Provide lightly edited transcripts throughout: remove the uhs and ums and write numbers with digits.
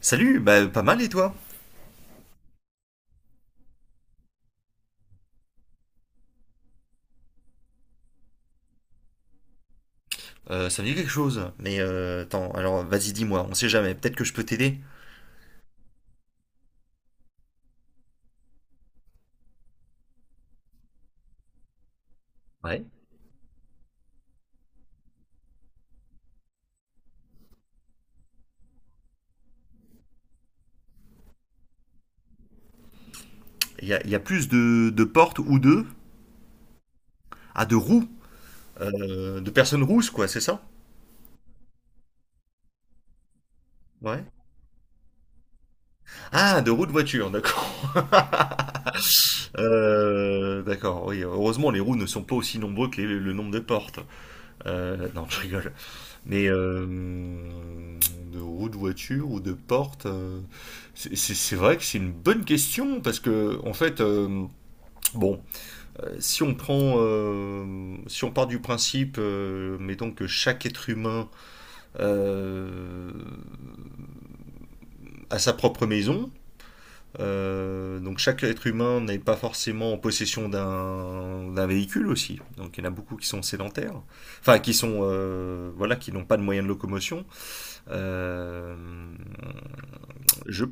Salut, bah pas mal et toi? Ça me dit quelque chose, mais attends, alors vas-y dis-moi, on sait jamais, peut-être que je peux t'aider. Ouais. Il y a plus de portes ou de... Ah, de roues, de personnes rousses quoi, c'est ça? Ouais. Ah, de roues de voiture, d'accord. D'accord, oui, heureusement les roues ne sont pas aussi nombreux que le nombre de portes. Non, je rigole. Mais de roues de voiture ou de portes, c'est vrai que c'est une bonne question parce que en fait, bon. Si on part du principe, mettons que chaque être humain euh, a sa propre maison. Donc chaque être humain n'est pas forcément en possession d'un véhicule aussi. Donc il y en a beaucoup qui sont sédentaires, enfin qui sont voilà qui n'ont pas de moyens de locomotion. Euh, je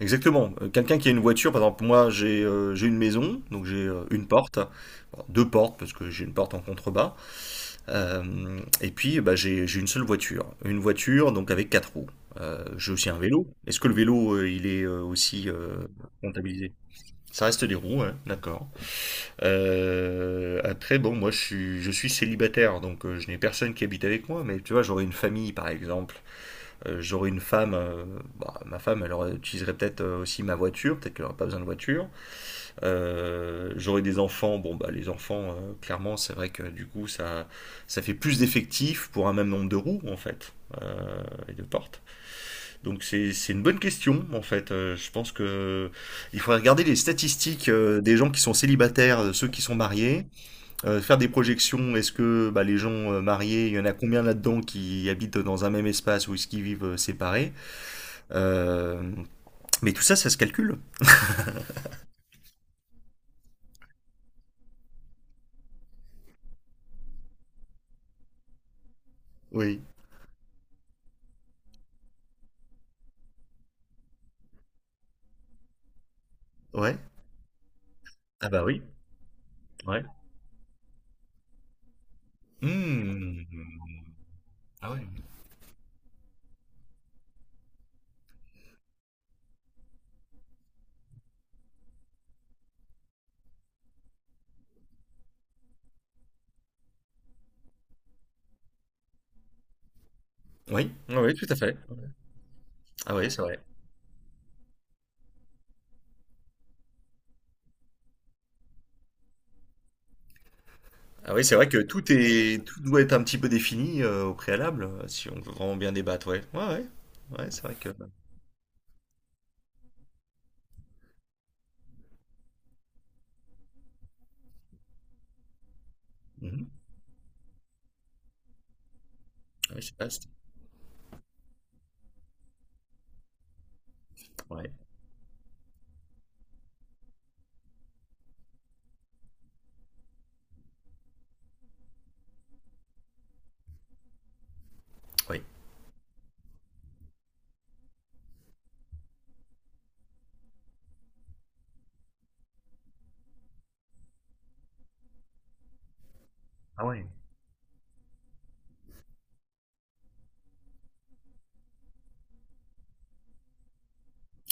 Exactement. Quelqu'un qui a une voiture, par exemple moi j'ai une maison, donc j'ai une porte. Bon, deux portes parce que j'ai une porte en contrebas. Et puis, bah, j'ai une seule voiture. Une voiture, donc avec quatre roues. J'ai aussi un vélo. Est-ce que le vélo, il est aussi comptabilisé? Ça reste des roues, ouais, d'accord. Après, bon, moi, je suis célibataire, donc je n'ai personne qui habite avec moi, mais tu vois, j'aurais une famille, par exemple. J'aurais une femme, bah, ma femme, utiliserait peut-être aussi ma voiture, peut-être qu'elle n'aurait pas besoin de voiture. J'aurai des enfants. Bon, bah, les enfants, clairement, c'est vrai que du coup, ça fait plus d'effectifs pour un même nombre de roues, en fait, euh, et de portes. Donc, c'est une bonne question, en fait. Je pense que il faudrait regarder les statistiques des gens qui sont célibataires, de ceux qui sont mariés, faire des projections. Est-ce que bah, les gens mariés, il y en a combien là-dedans qui habitent dans un même espace ou est-ce qu'ils vivent séparés? Euh, mais tout ça, ça se calcule. Oui. Ouais. Ah bah oui. Ouais. Mmh. Ah ouais. Oui, oui, oui, tout à fait. Ah oui, c'est vrai. Ah oui, c'est vrai que tout doit être un petit peu défini au préalable, si on veut vraiment bien débattre, ouais. Ouais, ouais. Ouais, c'est vrai que. Mhm. Ah oui, c'est vaste. Ouais. Oui. Ah ouais.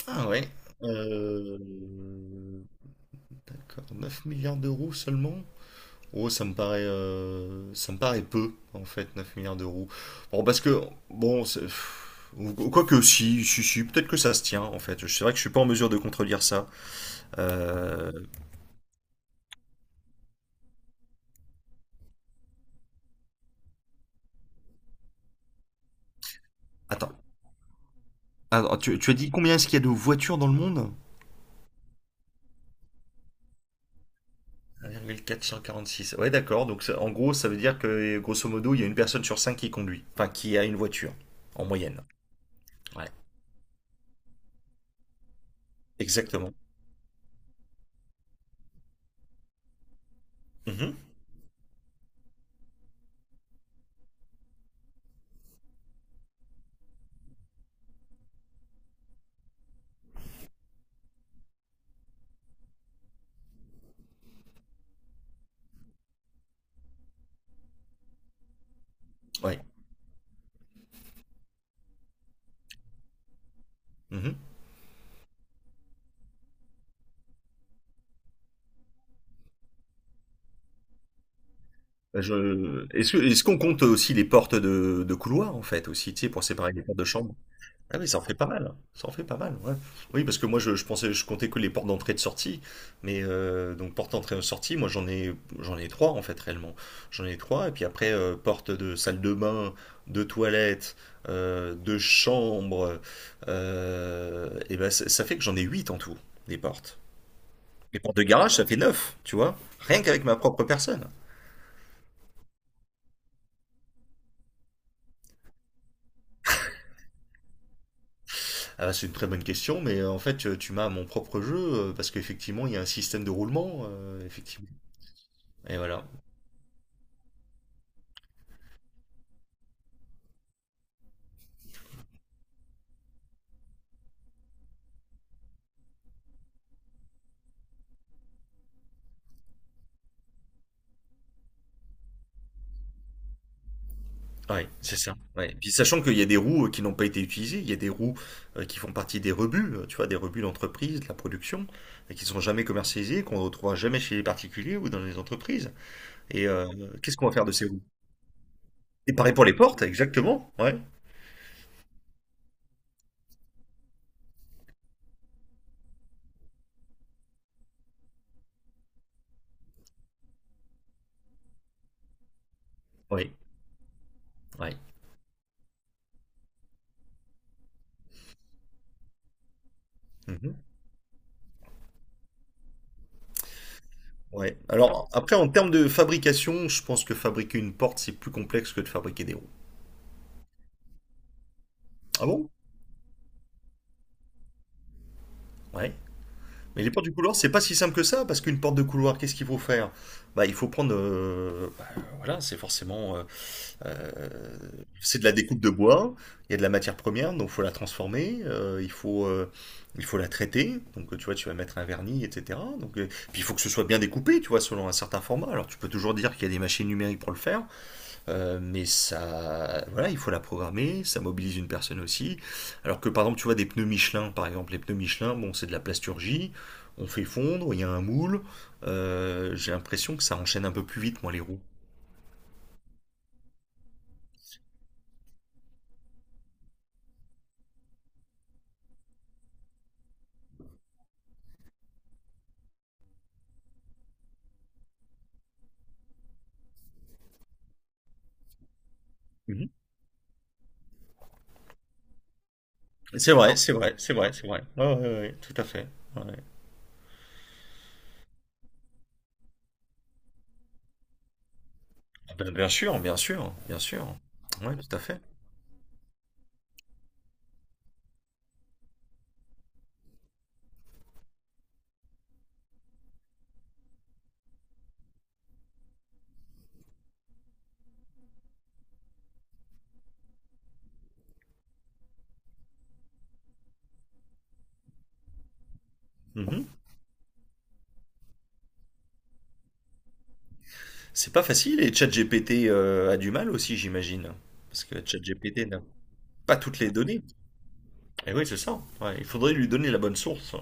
Ah ouais. Euh, D'accord, 9 milliards d'euros seulement? Oh, ça me paraît peu, en fait, 9 milliards d'euros. Bon, parce que, bon, quoique si, si, si, peut-être que ça se tient, en fait. C'est vrai que je suis pas en mesure de contredire ça. Euh, Attends, alors, tu as dit combien est-ce qu'il y a de voitures dans le monde? 1,446. Ouais, d'accord. Donc, en gros, ça veut dire que, grosso modo, il y a une personne sur cinq qui conduit. Enfin, qui a une voiture, en moyenne. Ouais. Exactement. Mhm. Ouais. Mhm. Est-ce qu'on compte aussi les portes de couloir en fait aussi, tu sais, pour séparer les portes de chambre? Ah oui, ça en fait pas mal, hein. Ça en fait pas mal, ouais. Oui, parce que moi je pensais, je comptais que les portes d'entrée et de sortie, mais donc porte d'entrée et sortie, moi j'en ai trois en fait réellement. J'en ai trois et puis après porte de salle de bain, de toilette, de chambre, et ben ça fait que j'en ai huit en tout des portes. Les portes de garage, ça fait neuf, tu vois, rien qu'avec ma propre personne. Ah, bah, c'est une très bonne question, mais en fait, tu m'as à mon propre jeu, parce qu'effectivement, il y a un système de roulement, effectivement. Et voilà. Ouais, c'est ça. Ouais. Puis sachant qu'il y a des roues qui n'ont pas été utilisées, il y a des roues qui font partie des rebuts, tu vois, des rebuts d'entreprise, de la production, et qui ne sont jamais commercialisées, qu'on ne retrouvera jamais chez les particuliers ou dans les entreprises. Et qu'est-ce qu'on va faire de ces roues? Et pareil pour les portes, exactement. Ouais, oui, ouais. Mhm. Ouais. Alors, après, en termes de fabrication, je pense que fabriquer une porte, c'est plus complexe que de fabriquer des roues. Ah bon? Ouais. Mais les portes du couloir, c'est pas si simple que ça, parce qu'une porte de couloir, qu'est-ce qu'il faut faire? Bah, il faut prendre, bah, voilà, c'est forcément, euh, c'est de la découpe de bois, il y a de la matière première, donc il faut la transformer, il faut la traiter, donc tu vois, tu vas mettre un vernis, etc. Donc, puis il faut que ce soit bien découpé, tu vois, selon un certain format. Alors tu peux toujours dire qu'il y a des machines numériques pour le faire, mais ça, voilà, il faut la programmer, ça mobilise une personne aussi. Alors que par exemple, tu vois des pneus Michelin, par exemple, les pneus Michelin, bon, c'est de la plasturgie, on fait fondre, il y a un moule. J'ai l'impression que ça enchaîne un peu plus vite, moi, les roues. Mhm. C'est vrai, c'est vrai, c'est vrai, c'est vrai. Ouais, ouais, ouais, ouais, tout à fait. Ouais. Ah ben, bien sûr, bien sûr, bien sûr. Ouais, tout à fait. Mhm. C'est pas facile et ChatGPT a du mal aussi, j'imagine. Parce que ChatGPT n'a pas toutes les données. Et oui, c'est ça. Ouais, il faudrait lui donner la bonne source.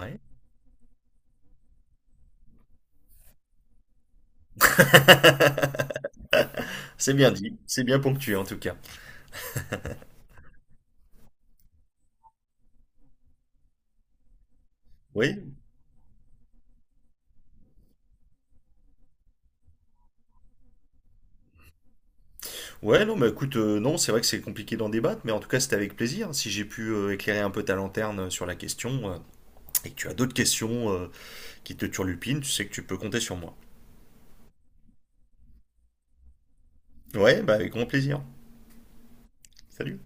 Ouais. C'est bien dit, c'est bien ponctué en tout cas. Oui, ouais, non, mais écoute, non, c'est vrai que c'est compliqué d'en débattre, mais en tout cas, c'était avec plaisir. Hein. Si j'ai pu éclairer un peu ta lanterne sur la question, et que tu as d'autres questions qui te turlupinent, tu sais que tu peux compter sur moi. Ouais, bah avec grand plaisir. Salut.